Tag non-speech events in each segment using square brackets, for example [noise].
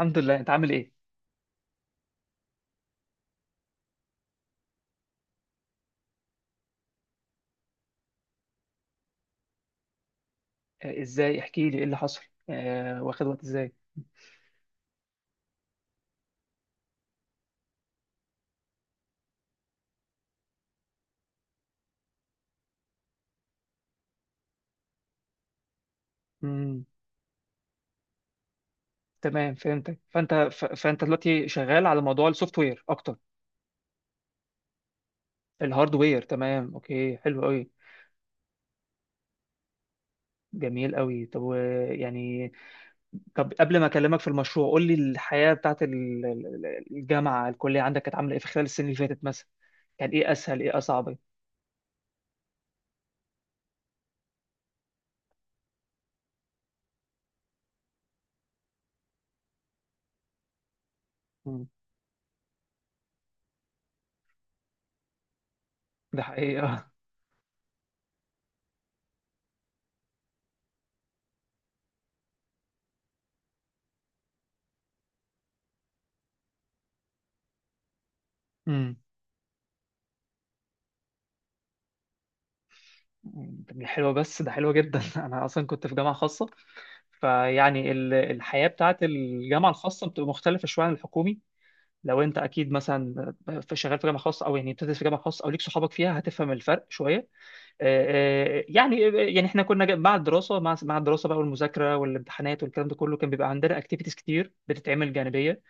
الحمد لله، انت عامل ايه؟ آه، ازاي؟ احكي لي ايه اللي حصل؟ آه، واخد وقت ازاي؟ امم. تمام، فهمتك. فانت فانت دلوقتي شغال على موضوع السوفت وير اكتر؟ الهاردوير، تمام، اوكي، حلو قوي. جميل قوي. طب يعني، طب، قبل ما اكلمك في المشروع قول لي الحياة بتاعت الجامعة الكلية عندك كانت عاملة ايه في خلال السنين اللي فاتت مثلا؟ كان ايه اسهل، ايه اصعب؟ مم. ده حقيقة. امم. مم، حلوة، بس ده حلوة جدا [laughs] أنا أصلا كنت في جامعة خاصة. فيعني الحياة بتاعت الجامعة الخاصة بتبقى مختلفة شوية عن الحكومي. لو أنت أكيد مثلا في شغال في جامعة خاصة، أو يعني بتدرس في جامعة خاصة، أو ليك صحابك فيها، هتفهم الفرق شوية. آه. آه، يعني إحنا كنا مع الدراسة، مع الدراسة بقى، والمذاكرة والامتحانات والكلام ده كله، كان بيبقى عندنا أكتيفيتيز كتير بتتعمل جانبية.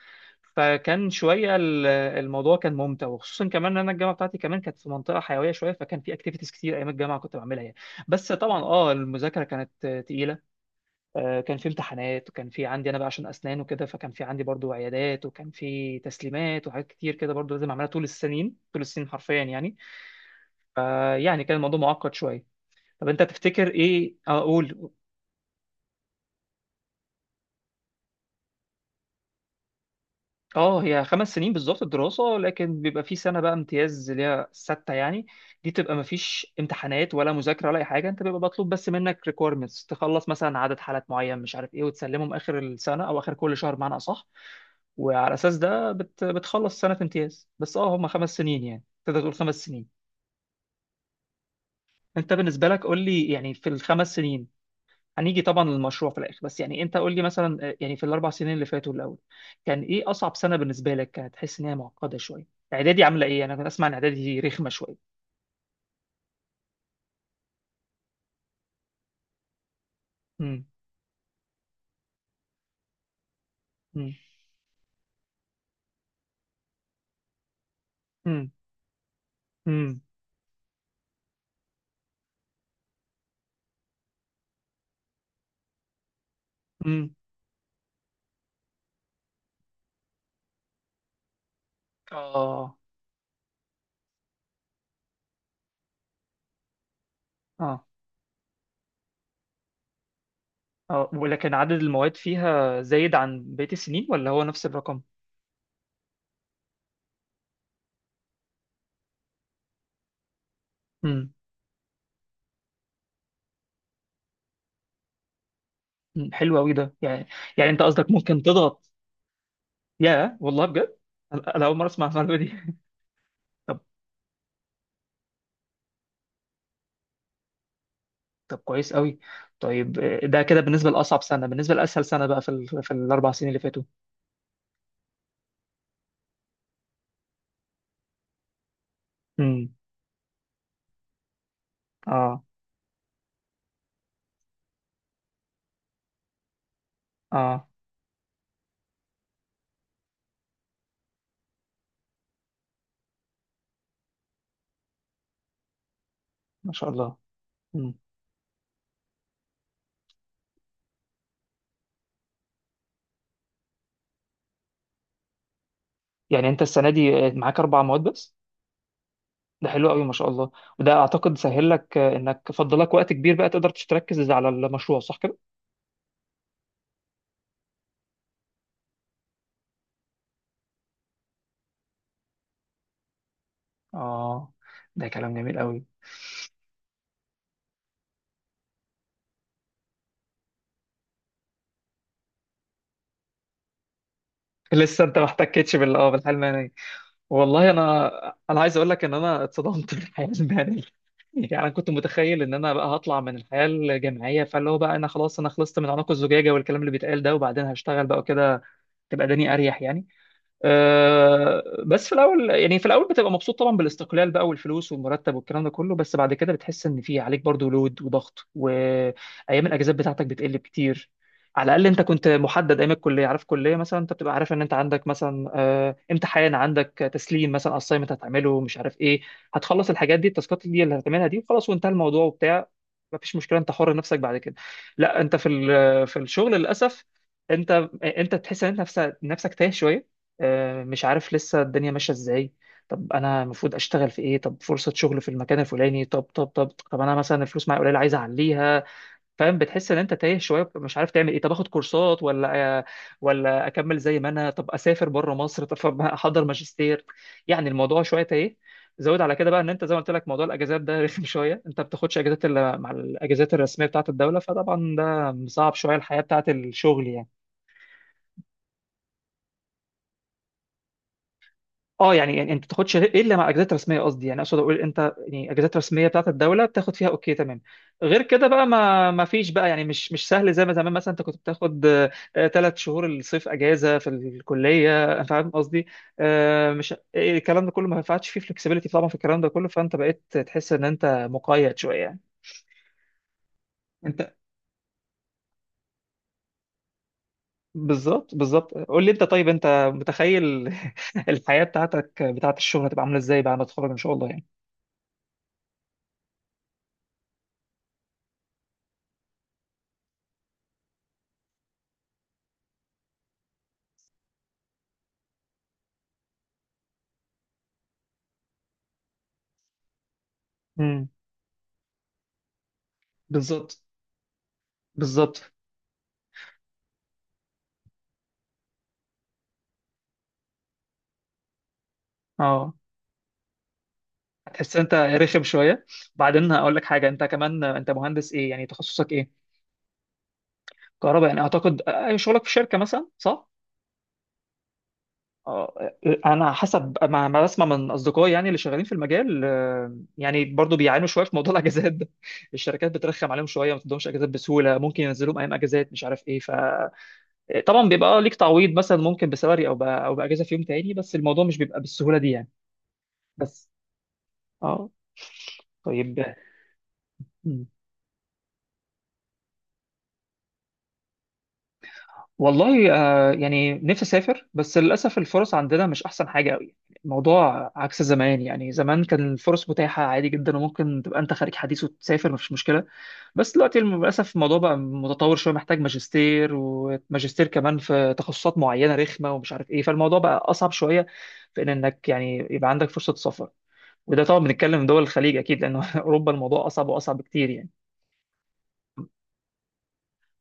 فكان شويه الموضوع كان ممتع، وخصوصا كمان ان انا الجامعه بتاعتي كمان كانت في منطقه حيويه شويه، فكان في اكتيفيتيز كتير ايام الجامعه كنت بعملها يعني. بس طبعا المذاكره كانت تقيله. كان في امتحانات، وكان في عندي انا بقى عشان اسنان وكده، فكان في عندي برضو عيادات، وكان في تسليمات وحاجات كتير كده برضو لازم اعملها طول السنين، طول السنين حرفيا يعني. فيعني كان الموضوع معقد شويه. طب انت تفتكر ايه، اقول. اه، هي 5 سنين بالظبط الدراسة، لكن بيبقى في سنة بقى امتياز اللي هي ستة يعني. دي تبقى مفيش امتحانات ولا مذاكرة ولا أي حاجة، أنت بيبقى مطلوب بس منك requirements تخلص مثلا عدد حالات معين، مش عارف إيه، وتسلمهم آخر السنة أو آخر كل شهر بمعنى أصح. وعلى أساس ده بتخلص سنة امتياز، بس هما 5 سنين، يعني تقدر تقول 5 سنين. أنت بالنسبة لك قول لي يعني، في ال5 سنين، هنيجي طبعا للمشروع في الاخر، بس يعني انت قول لي مثلا، يعني في ال4 سنين اللي فاتوا الاول، كان ايه اصعب سنه بالنسبه لك، كانت تحس ان هي معقده شويه؟ اعدادي عامله ايه؟ انا كنت اسمع ان اعدادي رخمه شويه. امم. امم. امم. امم. أمم. اه، اه، اه، ولكن عدد المواد فيها زايد عن بقيه السنين، ولا هو نفس الرقم؟ امم. أمم. حلو قوي ده يعني. يعني انت قصدك ممكن تضغط؟ يا والله، بجد، انا اول مره اسمع المعلومه دي [laughs] طب طب، كويس قوي. طيب، ده كده بالنسبه لاصعب سنه. بالنسبه لاسهل سنه بقى في الاربع سنين اللي فاتوا؟ امم. اه، اه، ما شاء الله. امم. يعني انت السنه دي معاك 4 مواد بس؟ ده حلو قوي، ما شاء الله. وده اعتقد سهل لك، انك فضلك وقت كبير بقى تقدر تركز على المشروع، صح كده؟ اه، ده كلام جميل قوي. لسه انت ما احتكتش بالحلم. والله، انا عايز اقول لك ان انا اتصدمت [laughs] في الحياه المهنيه. يعني انا كنت متخيل ان انا بقى هطلع من الحياه الجامعيه، فاللي هو بقى انا خلاص، انا خلصت من عنق الزجاجه والكلام اللي بيتقال ده، وبعدين هشتغل بقى كده، تبقى دني اريح يعني. بس في الاول، يعني في الاول بتبقى مبسوط طبعا بالاستقلال بقى والفلوس والمرتب والكلام ده كله، بس بعد كده بتحس ان في عليك برضو لود وضغط، وايام الاجازات بتاعتك بتقل كتير. على الاقل انت كنت محدد ايام الكليه، عارف كليه مثلا، انت بتبقى عارف ان انت عندك مثلا امتحان، عندك تسليم مثلا، اسايمنت هتعمله، مش عارف ايه. هتخلص الحاجات دي، التاسكات دي اللي هتعملها دي، وخلاص، وانتهى الموضوع وبتاع. مفيش مشكله، انت حر نفسك بعد كده. لا، انت في الشغل للاسف. انت انت تحس ان انت نفسك، نفسك تايه شويه. مش عارف لسه الدنيا ماشيه ازاي. طب انا المفروض اشتغل في ايه؟ طب فرصه شغل في المكان الفلاني؟ طب انا مثلا الفلوس معايا قليله عايز اعليها. فاهم؟ بتحس ان انت تايه شويه، مش عارف تعمل ايه، طب اخد كورسات ولا، ولا اكمل زي ما انا، طب اسافر بره مصر، طب احضر ماجستير. يعني الموضوع شويه تايه. زود على كده بقى ان انت، زي ما قلت لك، موضوع الاجازات ده رخم [laughs] شويه، انت بتاخدش اجازات الا مع الاجازات الرسميه بتاعه الدوله، فطبعا ده صعب شويه الحياه بتاعه الشغل يعني. اه، يعني انت ما تاخدش الا مع اجازات رسميه، قصدي يعني، اقصد اقول انت يعني اجازات رسميه بتاعت الدوله بتاخد فيها، اوكي تمام. غير كده بقى، ما فيش بقى يعني، مش سهل زي ما زمان مثلا انت كنت بتاخد 3 شهور الصيف اجازه في الكليه، فاهم قصدي؟ مش إيه، الكلام ده كله ما ينفعش فيه فلكسبيليتي طبعا، في الكلام ده كله، فانت بقيت تحس ان انت مقيد شويه يعني. انت، بالظبط، بالظبط، قول لي انت، طيب انت متخيل [laughs] الحياه بتاعتك بتاعت الشغل هتبقى عامله ازاي بعد ما تتخرج ان شاء الله يعني؟ امم. بالظبط، بالظبط. اه، هتحس انت رخم شويه. بعدين هقول لك حاجه، انت كمان، انت مهندس ايه يعني، تخصصك ايه؟ كهرباء، يعني اعتقد شغلك في شركه مثلا، صح؟ اه. انا حسب ما بسمع من اصدقائي، يعني اللي شغالين في المجال، يعني برضو بيعانوا شويه في موضوع [laughs] الاجازات ده. الشركات بترخم عليهم شويه، ما تدهمش اجازات بسهوله، ممكن ينزلوهم ايام اجازات، مش عارف ايه، فطبعا بيبقى ليك تعويض، مثلا ممكن بسالري، او او باجازه في يوم تاني، بس الموضوع مش بيبقى بالسهوله دي يعني. بس. اه. طيب. والله، يعني نفسي اسافر، بس للاسف الفرص عندنا مش احسن حاجه قوي. الموضوع عكس زمان، يعني زمان كان الفرص متاحه عادي جدا، وممكن تبقى انت خارج حديث وتسافر مفيش مشكله. بس دلوقتي للاسف الموضوع بقى متطور شويه، محتاج ماجستير، وماجستير كمان في تخصصات معينه رخمه، ومش عارف ايه، فالموضوع بقى اصعب شويه في ان انك يعني يبقى عندك فرصه سفر. وده طبعا بنتكلم دول الخليج اكيد، لان [laughs] اوروبا الموضوع اصعب واصعب بكتير يعني.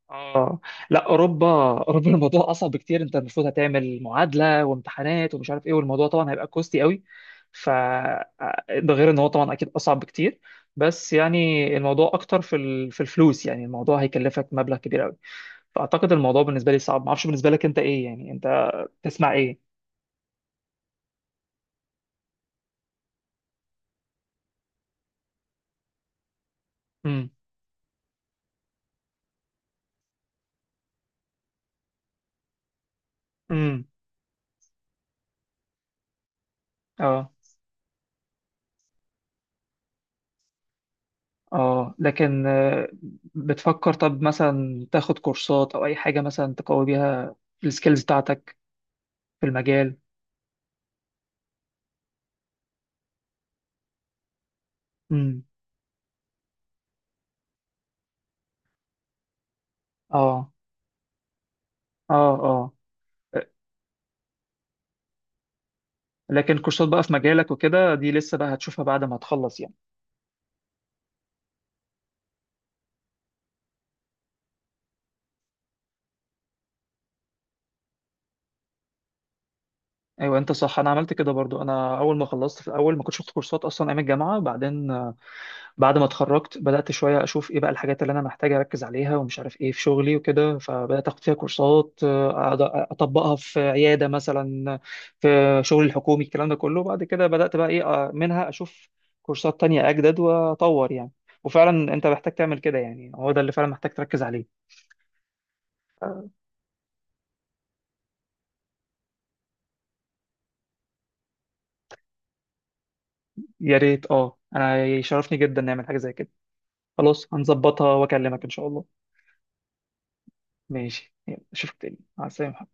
اه، لا، اوروبا، اوروبا [laughs] الموضوع اصعب بكتير، انت المفروض هتعمل معادله وامتحانات ومش عارف ايه، والموضوع طبعا هيبقى كوستي قوي. ف آه، ده غير ان هو طبعا اكيد اصعب بكتير. بس يعني الموضوع اكتر في الفلوس، يعني الموضوع هيكلفك مبلغ كبير قوي. فاعتقد الموضوع بالنسبه لي صعب، ما اعرفش بالنسبه لك انت ايه يعني، انت تسمع ايه؟ امم. امم. اه. اه. لكن بتفكر طب مثلا تاخد كورسات او اي حاجه مثلا تقوي بيها السكيلز بتاعتك في المجال؟ امم. اه. اه. اه. لكن كورسات بقى في مجالك وكده دي لسه بقى هتشوفها بعد ما تخلص يعني. ايوه، انت صح، انا عملت كده برضو. انا اول ما خلصت في الاول ما كنتش باخد كورسات اصلا ايام الجامعه، بعدين بعد ما اتخرجت بدات شويه اشوف ايه بقى الحاجات اللي انا محتاج اركز عليها ومش عارف ايه في شغلي وكده، فبدات اخد فيها كورسات، أقعد اطبقها في عياده مثلا، في شغل الحكومي الكلام ده كله، بعد كده بدات بقى ايه منها اشوف كورسات تانية اجدد واطور يعني. وفعلا انت محتاج تعمل كده يعني، هو ده اللي فعلا محتاج تركز عليه. يا ريت، اه، انا يشرفني جدا نعمل حاجة زي كده. خلاص، هنظبطها واكلمك ان شاء الله. ماشي، يلا، اشوفك تاني، مع السلامة.